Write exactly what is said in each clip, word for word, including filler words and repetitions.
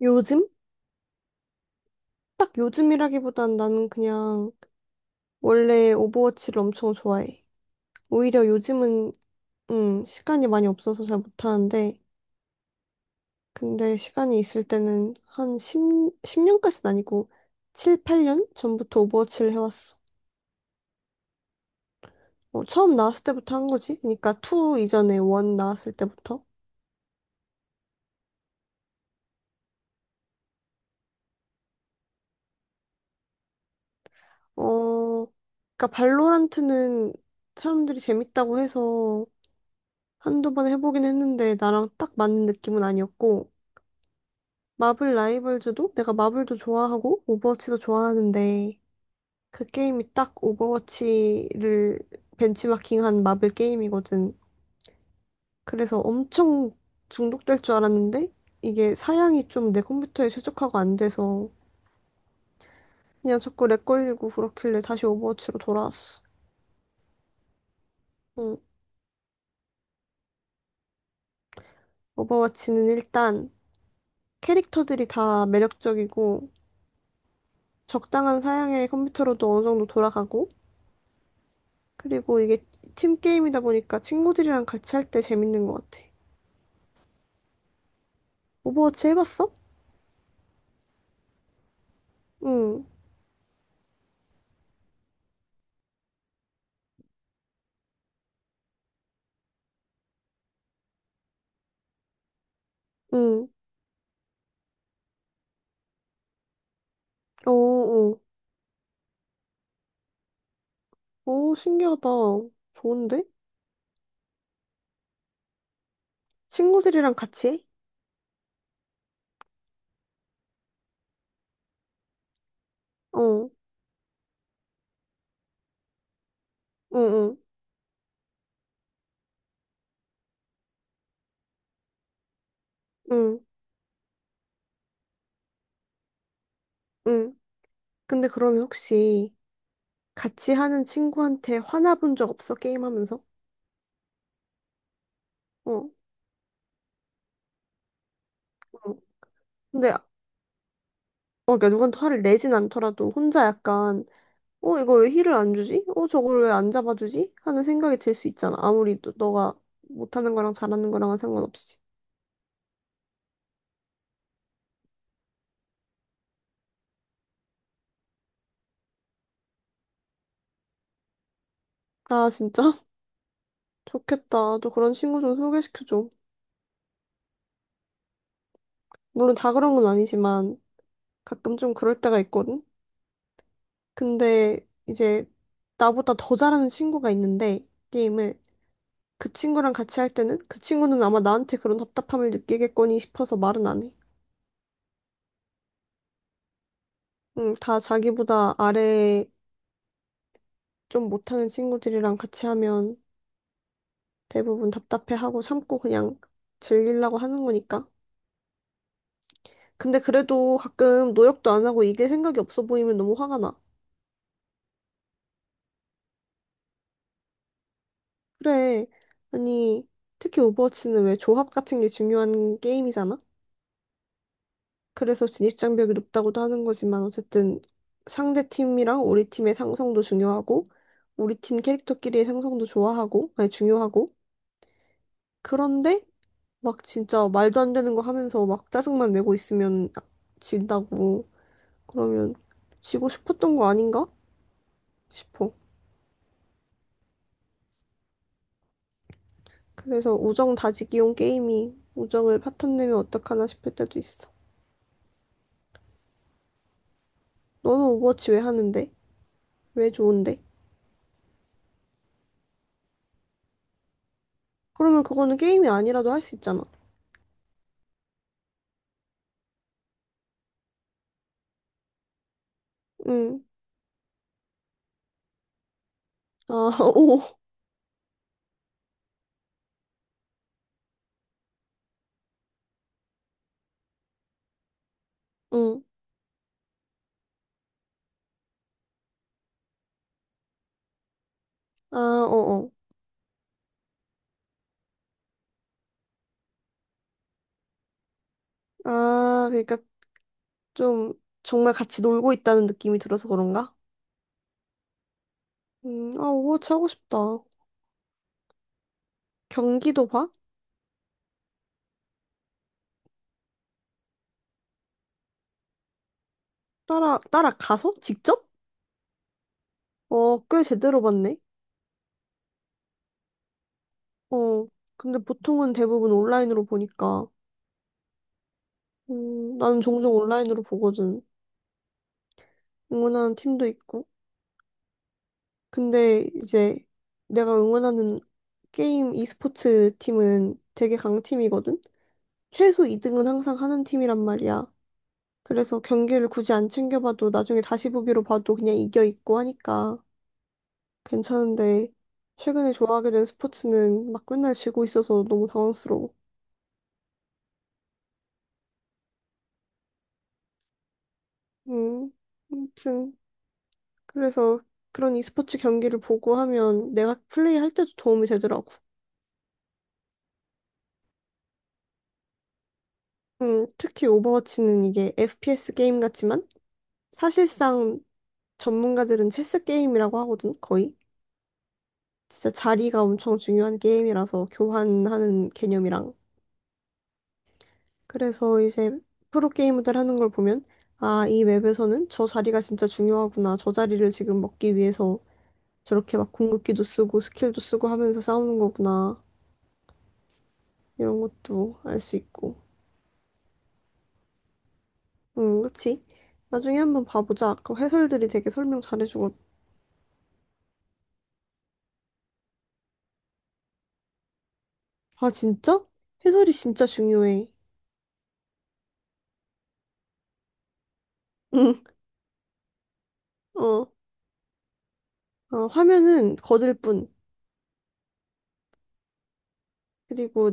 요즘? 딱 요즘이라기보단 나는 그냥 원래 오버워치를 엄청 좋아해. 오히려 요즘은 음, 시간이 많이 없어서 잘 못하는데 근데 시간이 있을 때는 한 십, 년까지는 아니고 칠, 팔 년 전부터 오버워치를 해왔어. 어, 처음 나왔을 때부터 한 거지. 그러니까 이 이전에 일 나왔을 때부터. 어, 그러니까 발로란트는 사람들이 재밌다고 해서 한두 번 해보긴 했는데 나랑 딱 맞는 느낌은 아니었고 마블 라이벌즈도 내가 마블도 좋아하고 오버워치도 좋아하는데 그 게임이 딱 오버워치를 벤치마킹한 마블 게임이거든. 그래서 엄청 중독될 줄 알았는데 이게 사양이 좀 내 컴퓨터에 최적화가 안 돼서 그냥 자꾸 렉 걸리고 그렇길래 다시 오버워치로 돌아왔어. 응. 오버워치는 일단 캐릭터들이 다 매력적이고 적당한 사양의 컴퓨터로도 어느 정도 돌아가고 그리고 이게 팀 게임이다 보니까 친구들이랑 같이 할 때 재밌는 것 같아. 오버워치 해봤어? 응, 응. 어, 어. 오, 신기하다. 좋은데? 친구들이랑 같이 해? 어, 응, 응, 응, 응. 근데 그러면 혹시 같이 하는 친구한테 화나본 적 없어? 게임하면서? 어, 어. 근데, 어, 그러니까 누구한테 화를 내진 않더라도 혼자 약간 어, 이거 왜 힐을 안 주지? 어, 저걸 왜 안 잡아주지? 하는 생각이 들 수 있잖아. 아무리 너, 너가 못하는 거랑 잘하는 거랑은 상관없이. 아, 진짜? 좋겠다. 너 그런 친구 좀 소개시켜줘. 물론 다 그런 건 아니지만 가끔 좀 그럴 때가 있거든? 근데 이제 나보다 더 잘하는 친구가 있는데 게임을 그 친구랑 같이 할 때는 그 친구는 아마 나한테 그런 답답함을 느끼겠거니 싶어서 말은 안 해. 응, 다 자기보다 아래 좀 못하는 친구들이랑 같이 하면 대부분 답답해하고 참고 그냥 즐기려고 하는 거니까. 근데 그래도 가끔 노력도 안 하고 이길 생각이 없어 보이면 너무 화가 나. 그래. 아니, 특히 오버워치는 왜 조합 같은 게 중요한 게임이잖아? 그래서 진입장벽이 높다고도 하는 거지만 어쨌든 상대 팀이랑 우리 팀의 상성도 중요하고 우리 팀 캐릭터끼리의 상성도 좋아하고 아니 중요하고 그런데 막 진짜 말도 안 되는 거 하면서 막 짜증만 내고 있으면 진다고. 그러면 지고 싶었던 거 아닌가 싶어. 그래서 우정 다지기용 게임이 우정을 파탄 내면 어떡하나 싶을 때도 있어. 너는 오버워치 왜 하는데? 왜 좋은데? 그러면 그거는 게임이 아니라도 할 수 있잖아. 응. 아, 오. 응. 아, 어어. 아, 그러니까 좀 정말 같이 놀고 있다는 느낌이 들어서 그런가? 음, 아, 오버워치 하고 싶다. 경기도 봐? 따라, 따라가서? 직접? 어, 꽤 제대로 봤네. 어, 근데 보통은 대부분 온라인으로 보니까 음, 나는 종종 온라인으로 보거든. 응원하는 팀도 있고. 근데 이제 내가 응원하는 게임 e스포츠 팀은 되게 강팀이거든. 최소 이 등은 항상 하는 팀이란 말이야. 그래서 경기를 굳이 안 챙겨봐도 나중에 다시 보기로 봐도 그냥 이겨 있고 하니까 괜찮은데 최근에 좋아하게 된 스포츠는 막 맨날 지고 있어서 너무 당황스러워. 음, 아무튼 그래서 그런 e스포츠 경기를 보고 하면 내가 플레이할 때도 도움이 되더라고. 음, 특히 오버워치는 이게 에프피에스 게임 같지만 사실상 전문가들은 체스 게임이라고 하거든, 거의. 진짜 자리가 엄청 중요한 게임이라서 교환하는 개념이랑. 그래서 이제 프로 게이머들 하는 걸 보면 아, 이 맵에서는 저 자리가 진짜 중요하구나. 저 자리를 지금 먹기 위해서 저렇게 막 궁극기도 쓰고 스킬도 쓰고 하면서 싸우는 거구나. 이런 것도 알 수 있고. 응, 그치? 나중에 한번 봐보자. 그 해설들이 되게 설명 잘해주거든. 아, 진짜? 해설이 진짜 중요해. 응, 어. 어, 화면은 거들 뿐. 그리고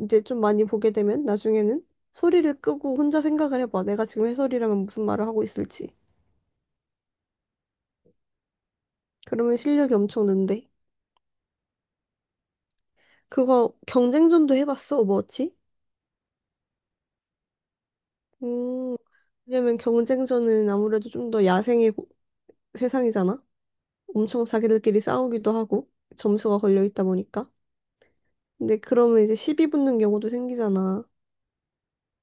이제 좀 많이 보게 되면 나중에는 소리를 끄고 혼자 생각을 해봐. 내가 지금 해설이라면 무슨 말을 하고 있을지. 그러면 실력이 엄청 는데. 그거 경쟁전도 해봤어, 오버워치? 음, 왜냐면 경쟁전은 아무래도 좀 더 야생의 고- 세상이잖아? 엄청 자기들끼리 싸우기도 하고 점수가 걸려 있다 보니까. 근데 그러면 이제 시비 붙는 경우도 생기잖아.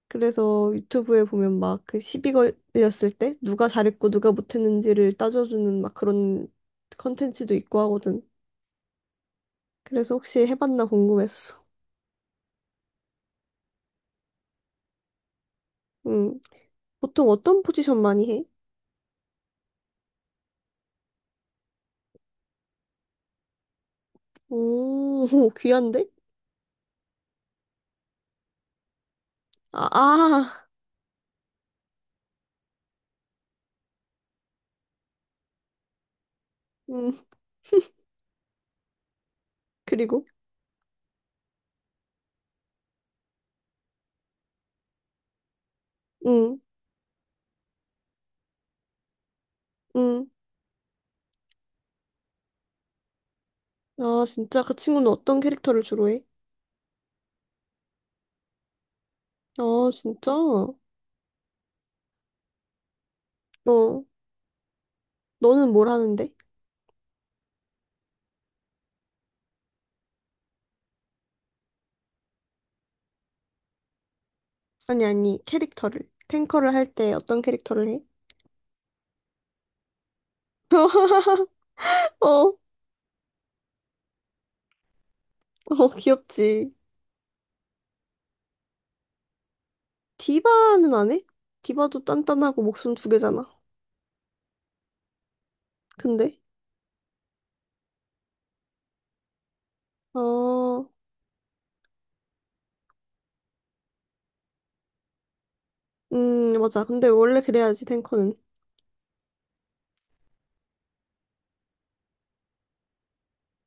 그래서 유튜브에 보면 막 그 시비 걸렸을 때 누가 잘했고 누가 못했는지를 따져주는 막 그런 컨텐츠도 있고 하거든. 그래서 혹시 해봤나 궁금했어. 음, 보통 어떤 포지션 많이 해? 오, 귀한데? 아, 아, 음, 그리고, 음, 음. 아, 진짜 그 친구는 어떤 캐릭터를 주로 해? 아, 진짜? 어, 너는 뭘 하는데? 아니, 아니, 캐릭터를. 탱커를 할 때 어떤 캐릭터를 해? 어, 어, 귀엽지. 디바는 안 해? 디바도 단단하고 목숨 두 개잖아. 근데, 어, 음, 맞아. 근데 원래 그래야지, 탱커는.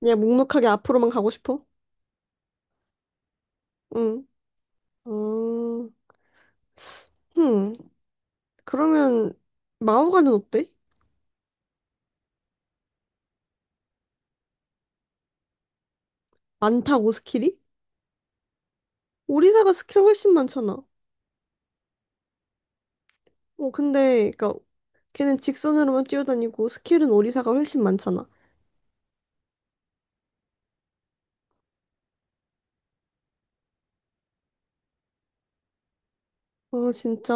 그냥 묵묵하게 앞으로만 가고 싶어? 응. 어, 흠. 그러면, 마오가는 어때? 많다고, 스킬이? 오리사가 스킬 훨씬 많잖아. 어, 근데, 그니까, 걔는 직선으로만 뛰어다니고, 스킬은 오리사가 훨씬 많잖아. 어, 진짜.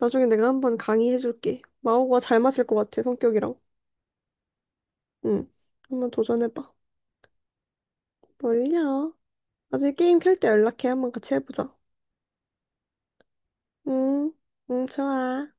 나중에 내가 한번 강의해줄게. 마오가 잘 맞을 것 같아, 성격이랑. 응. 한번 도전해봐. 뭘요? 나중에 게임 켤 때 연락해. 한번 같이 해보자. 응, 응, 좋아.